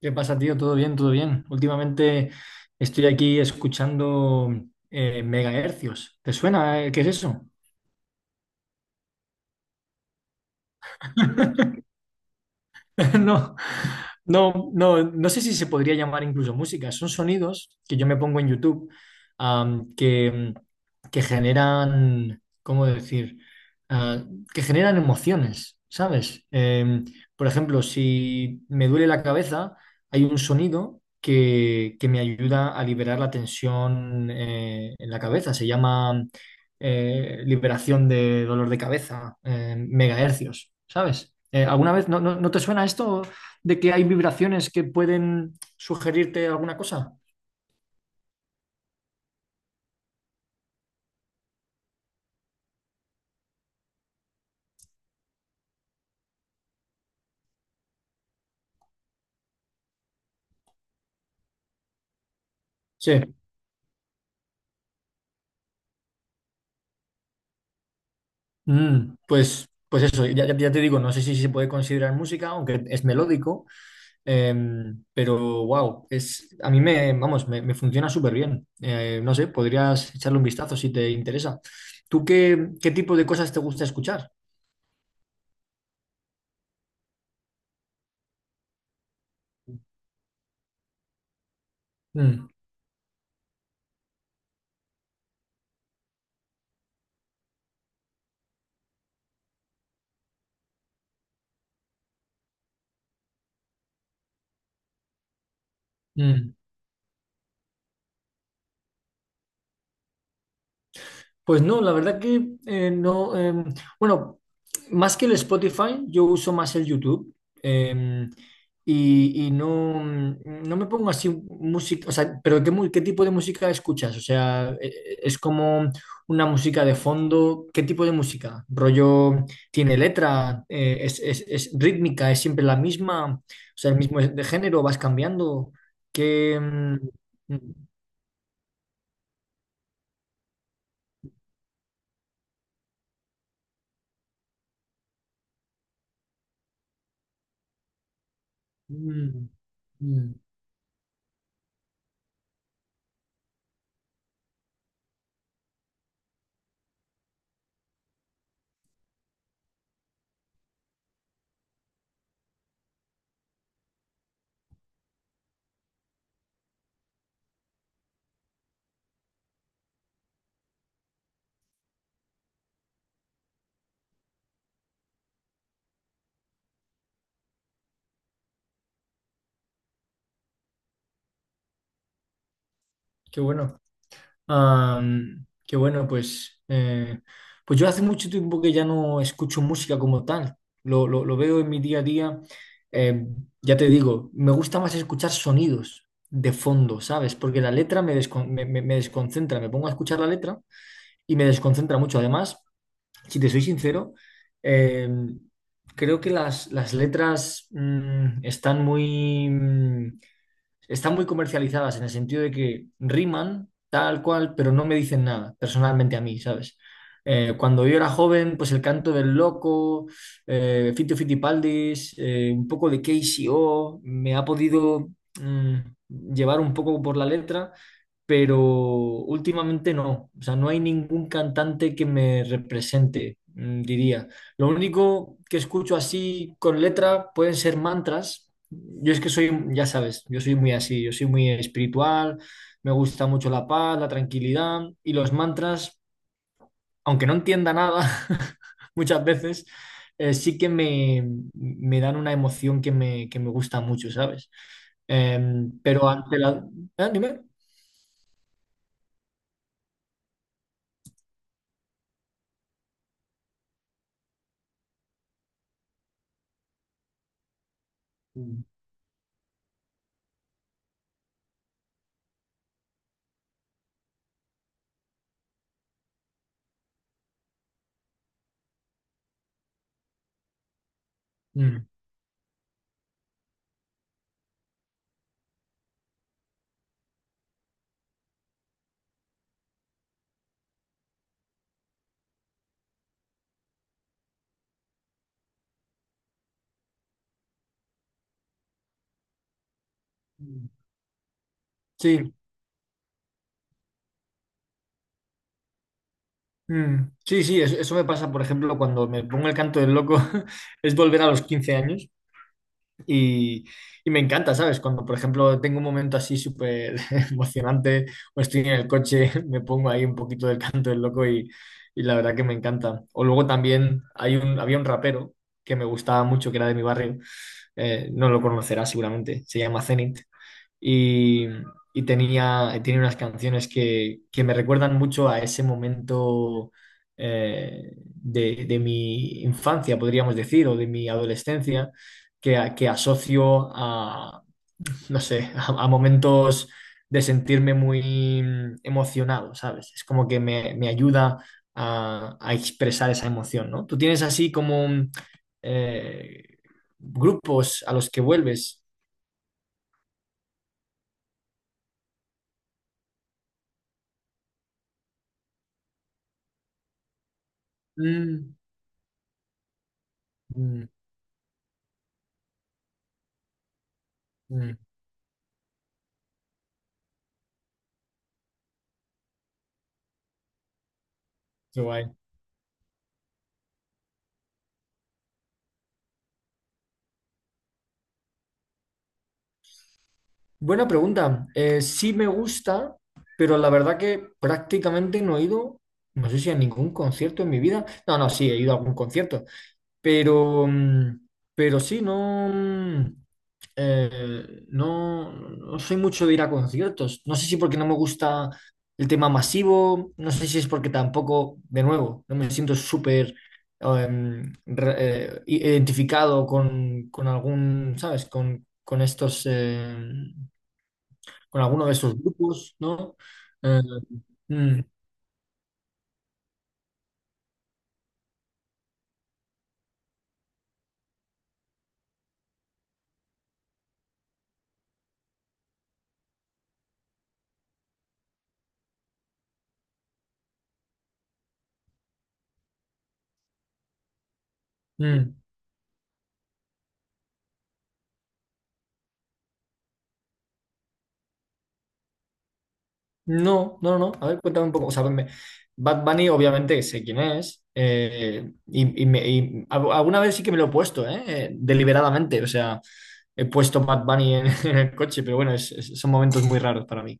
¿Qué pasa, tío? ¿Todo bien? ¿Todo bien? Últimamente estoy aquí escuchando megahercios. ¿Te suena? ¿Qué es eso? No, no sé si se podría llamar incluso música. Son sonidos que yo me pongo en YouTube, am, que, que generan, ¿cómo decir? Ah, que generan emociones, ¿sabes? Por ejemplo, si me duele la cabeza, hay un sonido que me ayuda a liberar la tensión en la cabeza. Se llama liberación de dolor de cabeza, megahercios, ¿sabes? ¿Alguna vez no te suena esto de que hay vibraciones que pueden sugerirte alguna cosa? Sí. Pues, eso, ya te digo, no sé si se puede considerar música, aunque es melódico, pero wow, a mí vamos, me funciona súper bien. No sé, podrías echarle un vistazo si te interesa. ¿Tú qué tipo de cosas te gusta escuchar? Mm, mm. Pues no, la verdad que no. Bueno, más que el Spotify, yo uso más el YouTube. em, y no, no me pongo así música. O sea, pero qué tipo de música escuchas? O sea, ¿es como una música de fondo? ¿Qué tipo de música? ¿Rollo tiene letra? ¿Es rítmica? ¿Es siempre la misma? O sea, el mismo es de género, vas cambiando. ¿Qué. mm, mm, mm, mm, qué bueno. Qué bueno, pues, pues yo hace mucho tiempo que ya no escucho música como tal. Lo veo en mi día a día. Eh, ya te digo, me gusta más escuchar sonidos de fondo, ¿sabes? Porque la letra me desconcentra. Me pongo a escuchar la letra y me desconcentra mucho. Además, si te soy sincero, eh, creo que las letras están están muy comercializadas en el sentido de que riman tal cual, pero no me dicen nada personalmente a mí, ¿sabes? Cuando yo era joven, pues el canto del loco, Fito Fitipaldis, un poco de K C o me ha podido llevar un poco por la letra, pero últimamente no. O sea, no hay ningún cantante que me represente, diría. Lo único que escucho así con letra pueden ser mantras, yo es que soy, ya sabes, yo soy muy así, yo soy muy espiritual, me gusta mucho la paz, la tranquilidad y los mantras, aunque no entienda nada muchas veces, sí que me dan una emoción que que me gusta mucho, ¿sabes? Em, pero ante la... ¿eh? Dime. Mm. Sí, sí, eso me pasa, por ejemplo, cuando me pongo el canto del loco, es volver a los 15 años, Y, y me encanta, ¿sabes? Cuando, por ejemplo, tengo un momento así súper emocionante o estoy en el coche, me pongo ahí un poquito del canto del loco y la verdad que me encanta. O luego también había un rapero que me gustaba mucho, que era de mi barrio, no lo conocerás seguramente, se llama Zenit y, tiene unas canciones que me recuerdan mucho a ese momento de mi infancia, podríamos decir, o de mi adolescencia, que asocio a, no sé, a momentos de sentirme muy emocionado, ¿sabes? Es como que me ayuda a expresar esa emoción, ¿no? Tú tienes así como eh, grupos a los que vuelves. Mm. Mm, qué guay. Buena pregunta. Sí me gusta, pero la verdad que prácticamente no he ido, no sé si a ningún concierto en mi vida. No, no, sí, he ido a algún concierto, pero, pero sí, no, no soy mucho de ir a conciertos. No sé si porque no me gusta el tema masivo, no sé si es porque tampoco, de nuevo, no me siento súper em, re- identificado con algún, ¿sabes? Con estos, con alguno de estos grupos, ¿no? Eh, mm, mm. No, no, no. A ver, cuéntame un poco. Bad Bunny, obviamente, sé quién es. Alguna vez sí que me lo he puesto, ¿eh? Deliberadamente. O sea, he puesto Bad Bunny en, en el coche, pero bueno, son momentos muy raros para mí.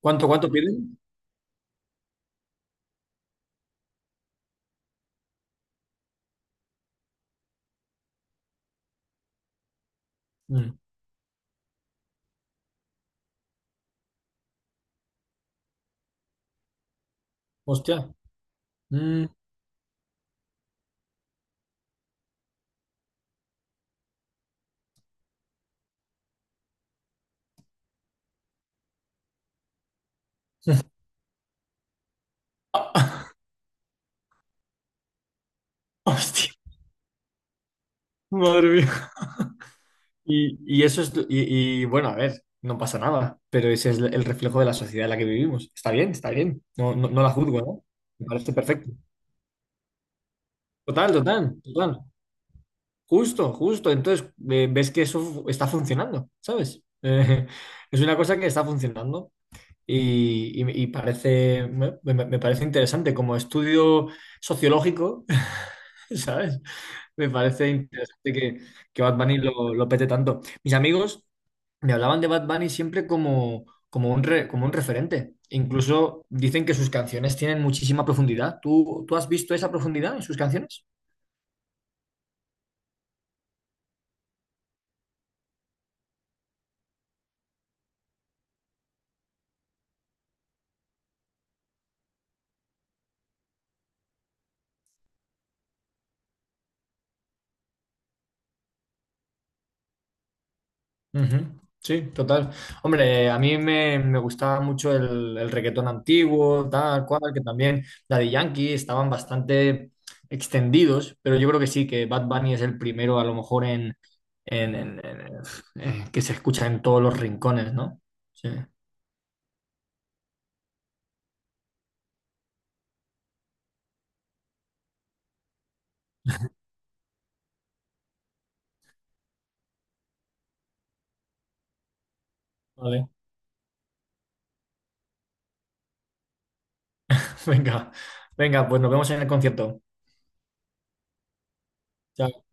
Cuánto piden? Mm, hostia. Mm, hostia. Madre mía. Y eso es. Y, bueno, a ver, no pasa nada. Pero ese es el reflejo de la sociedad en la que vivimos. Está bien, está bien. No, no, no la juzgo, ¿no? Me parece perfecto. Total, total, total. Justo, justo. Entonces, ves que está funcionando, ¿sabes? Es una cosa que está funcionando y, y parece, me parece interesante como estudio sociológico, ¿sabes? Me parece interesante que Bad Bunny lo pete tanto. Mis amigos me hablaban de Bad Bunny siempre como, como un referente. Incluso dicen que sus canciones tienen muchísima profundidad. Tú has visto esa profundidad en sus canciones? Ujú, sí, total. Hombre, a mí me gustaba mucho el reggaetón antiguo, tal cual, que también Daddy Yankee estaban bastante extendidos, pero yo creo que sí, que Bad Bunny es el primero, a lo mejor, en- en- en- que se escucha en todos los rincones, ¿no? Sí. Vale. Venga, venga, pues nos vemos en el concierto. Chao.